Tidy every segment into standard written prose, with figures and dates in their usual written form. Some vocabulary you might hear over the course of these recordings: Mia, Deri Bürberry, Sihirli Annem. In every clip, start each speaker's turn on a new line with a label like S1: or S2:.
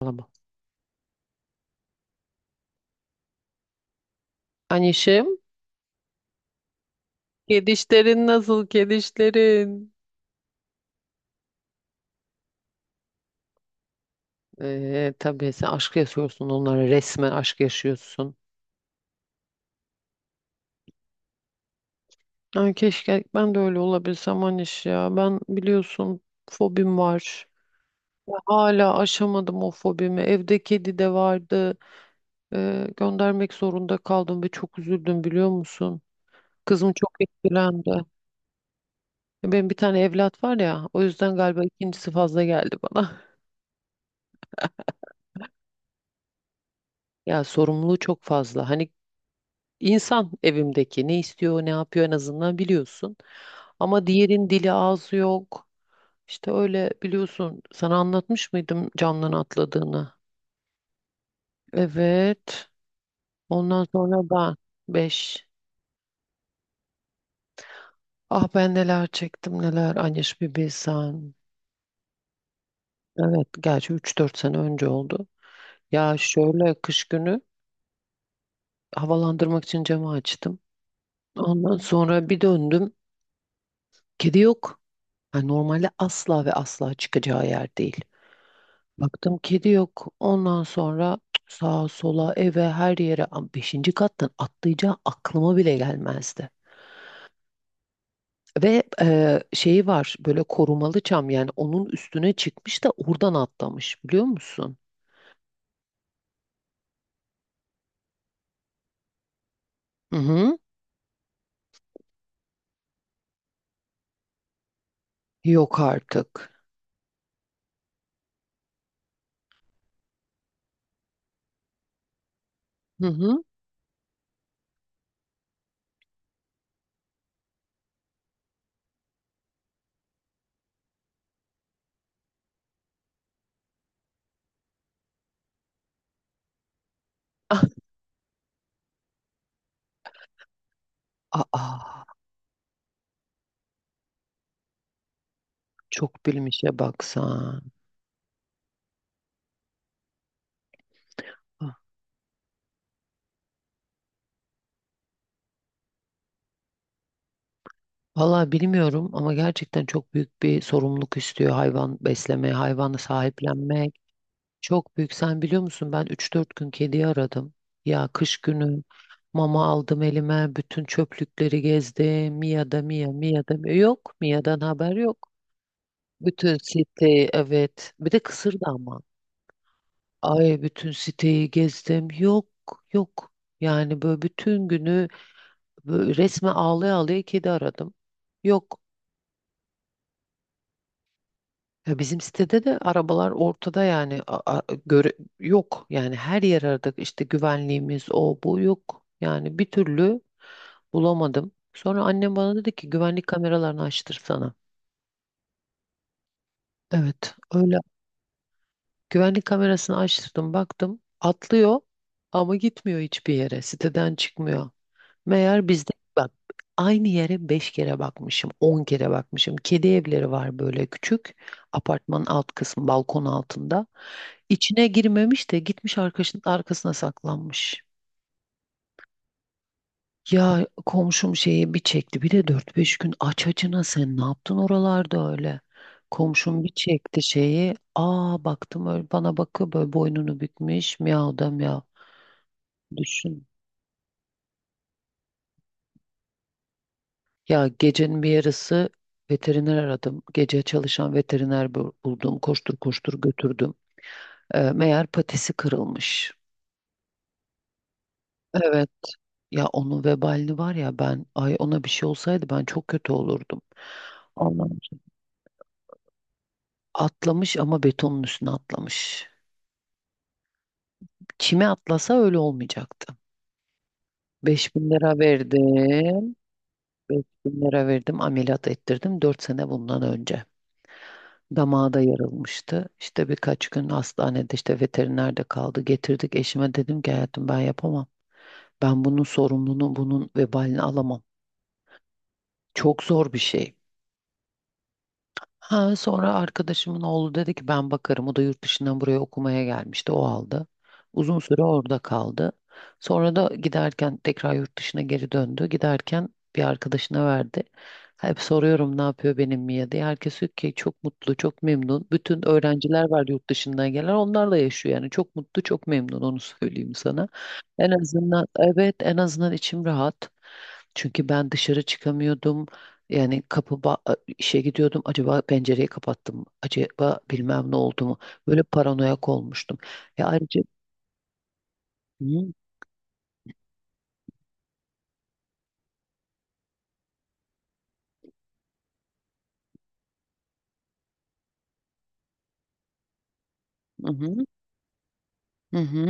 S1: Saçmalama. Anişim, kedişlerin nasıl kedişlerin? Tabii sen aşk yaşıyorsun onlara, resmen aşk yaşıyorsun. Ay keşke ben de öyle olabilsem Aniş ya. Ben biliyorsun, fobim var. Hala aşamadım o fobimi. Evde kedi de vardı. Göndermek zorunda kaldım ve çok üzüldüm, biliyor musun? Kızım çok etkilendi. Benim bir tane evlat var ya, o yüzden galiba ikincisi fazla geldi bana. Ya, sorumluluğu çok fazla. Hani İnsan evimdeki ne istiyor, ne yapıyor, en azından biliyorsun. Ama diğerin dili ağzı yok. İşte öyle, biliyorsun. Sana anlatmış mıydım camdan atladığını? Evet. Ondan sonra ben 5. Ah, ben neler çektim neler. Anyaş, bir bilsen. Evet, gerçi 3-4 sene önce oldu. Ya şöyle, kış günü havalandırmak için camı açtım. Ondan sonra bir döndüm. Kedi yok. Yani normalde asla ve asla çıkacağı yer değil. Baktım kedi yok. Ondan sonra sağa sola eve her yere, beşinci kattan atlayacağı aklıma bile gelmezdi. Ve şeyi var, böyle korumalı çam, yani onun üstüne çıkmış da oradan atlamış, biliyor musun? Hı hı. Yok artık. Hı hı. Ah, aa, çok bilmişe baksan. Ah. Vallahi bilmiyorum ama gerçekten çok büyük bir sorumluluk istiyor hayvan beslemeye, hayvanı sahiplenmek. Çok büyük. Sen biliyor musun, ben 3-4 gün kediyi aradım. Ya kış günü mama aldım elime. Bütün çöplükleri gezdim. Mia da Mia, Mia da Mia. Yok. Mia'dan haber yok. Bütün siteyi, evet. Bir de kısırdı ama. Ay bütün siteyi gezdim. Yok, yok. Yani böyle bütün günü böyle resme ağlaya ağlaya kedi aradım. Yok. Ya bizim sitede de arabalar ortada yani, göre yok, yani her yer aradık, işte güvenliğimiz o bu, yok yani bir türlü bulamadım. Sonra annem bana dedi ki güvenlik kameralarını açtırsana. Evet öyle, güvenlik kamerasını açtırdım, baktım atlıyor ama gitmiyor hiçbir yere, siteden çıkmıyor. Meğer bizde bak, aynı yere 5 kere bakmışım, 10 kere bakmışım, kedi evleri var böyle küçük, apartmanın alt kısmı balkon altında. İçine girmemiş de gitmiş arkadaşının arkasına saklanmış. Ya komşum şeyi bir çekti. Bir de 4-5 gün aç açına sen ne yaptın oralarda öyle? Komşum bir çekti şeyi. Aa, baktım öyle bana bakıyor böyle, boynunu bükmüş. Miyav da miyav. Düşün. Ya gecenin bir yarısı veteriner aradım. Gece çalışan veteriner buldum. Koştur koştur götürdüm. Meğer patisi kırılmış. Evet. Ya onun vebalini var ya, ben ay, ona bir şey olsaydı ben çok kötü olurdum. Allah'ım. Atlamış ama betonun üstüne atlamış. Kime atlasa öyle olmayacaktı. 5.000 lira verdim. 5.000 lira verdim. Ameliyat ettirdim 4 sene bundan önce. Damağı da yarılmıştı. İşte birkaç gün hastanede, işte veterinerde kaldı. Getirdik, eşime dedim ki hayatım ben yapamam. Ben bunun sorumluluğunu, bunun vebalini alamam. Çok zor bir şey. Ha, sonra arkadaşımın oğlu dedi ki ben bakarım. O da yurt dışından buraya okumaya gelmişti. O aldı. Uzun süre orada kaldı. Sonra da giderken tekrar yurt dışına geri döndü. Giderken bir arkadaşına verdi. Hep soruyorum ne yapıyor benim Mia diye. Herkes diyor ki çok mutlu, çok memnun. Bütün öğrenciler var yurt dışından gelen. Onlarla yaşıyor yani. Çok mutlu, çok memnun, onu söyleyeyim sana. En azından, evet en azından içim rahat. Çünkü ben dışarı çıkamıyordum. Yani İşe gidiyordum. Acaba pencereyi kapattım mı? Acaba bilmem ne oldu mu? Böyle paranoyak olmuştum. Ve ayrıca. Hı hı, hı hı.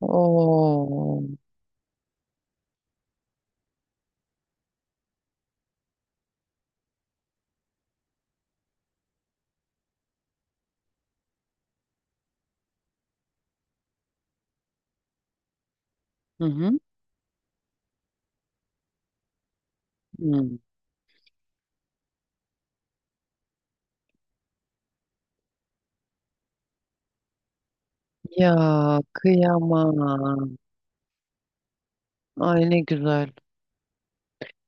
S1: Oo. Hı hı. Hı. Ya kıyamam. Ay ne güzel.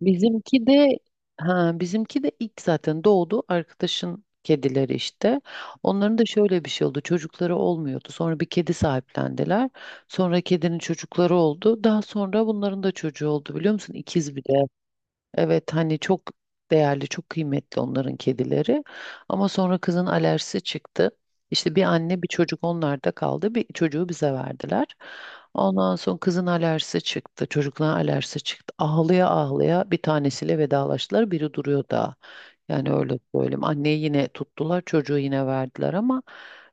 S1: Bizimki de, ha, bizimki de ilk zaten doğdu arkadaşın kedileri işte. Onların da şöyle bir şey oldu. Çocukları olmuyordu. Sonra bir kedi sahiplendiler. Sonra kedinin çocukları oldu. Daha sonra bunların da çocuğu oldu, biliyor musun? İkiz bir de. Evet, hani çok değerli, çok kıymetli onların kedileri. Ama sonra kızın alerjisi çıktı. İşte bir anne bir çocuk onlarda kaldı. Bir çocuğu bize verdiler. Ondan sonra kızın alerjisi çıktı. Çocukların alerjisi çıktı. Ağlaya ağlaya bir tanesiyle vedalaştılar. Biri duruyor daha. Yani öyle söyleyeyim. Anneyi yine tuttular. Çocuğu yine verdiler ama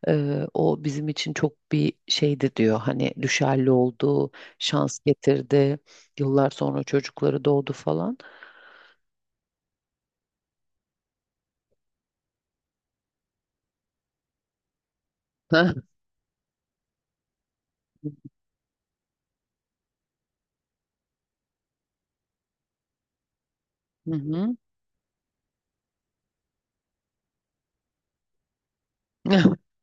S1: o bizim için çok bir şeydi diyor. Hani düşerli oldu, şans getirdi. Yıllar sonra çocukları doğdu falan. Heh. Hı hı.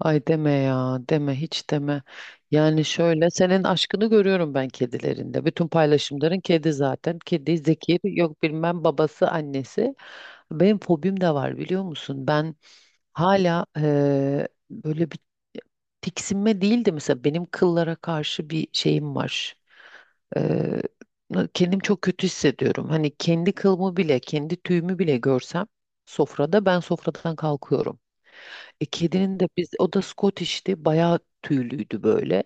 S1: Ay deme ya, deme hiç deme. Yani şöyle senin aşkını görüyorum ben kedilerinde. Bütün paylaşımların kedi zaten. Kedi zeki, yok bilmem babası, annesi. Benim fobim de var, biliyor musun? Ben hala böyle bir tiksinme değildi, mesela benim kıllara karşı bir şeyim var. Eee Kendim çok kötü hissediyorum. Hani kendi kılımı bile, kendi tüyümü bile görsem, sofrada ben sofradan kalkıyorum. Kedinin de biz, o da Scottish'ti. Bayağı tüylüydü böyle.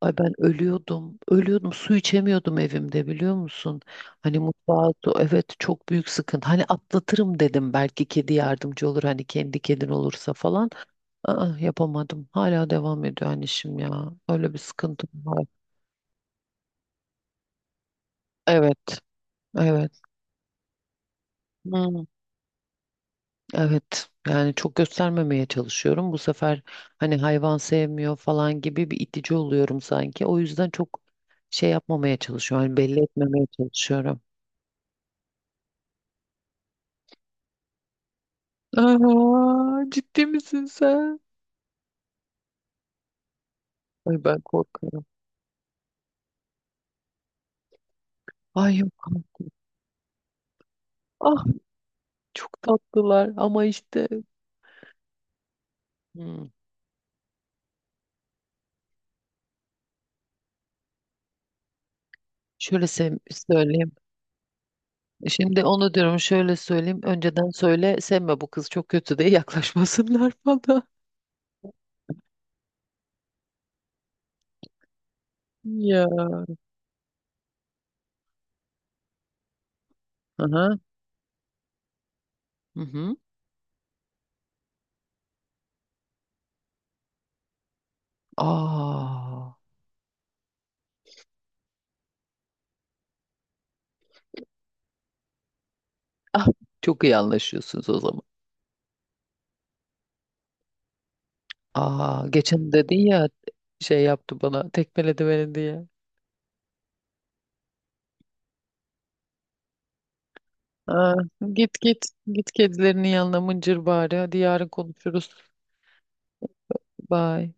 S1: Ay ben ölüyordum. Ölüyordum. Su içemiyordum evimde, biliyor musun? Hani mutfağı, evet çok büyük sıkıntı. Hani atlatırım dedim, belki kedi yardımcı olur, hani kendi kedin olursa falan. Aa, yapamadım. Hala devam ediyor hani ya. Öyle bir sıkıntım var. Evet. Evet. Hmm. Evet yani çok göstermemeye çalışıyorum. Bu sefer hani hayvan sevmiyor falan gibi bir itici oluyorum sanki. O yüzden çok şey yapmamaya çalışıyorum. Hani belli etmemeye çalışıyorum. Aa, ciddi misin sen? Ay ben korkuyorum. Ay yok artık. Ah, çok tatlılar ama işte, hmm, şöyle sev- söyleyeyim. Şimdi onu diyorum, şöyle söyleyeyim. Önceden söyle sevme, bu kız çok kötü diye yaklaşmasınlar bana. Ya. Aha. Hı hı. Aa. Ah, çok iyi anlaşıyorsunuz o zaman. Aa, geçen dedin ya şey yaptı bana, tekmeledi beni diye. Aa, git git git kedilerinin yanına mıncır bari. Hadi yarın konuşuruz. Bye.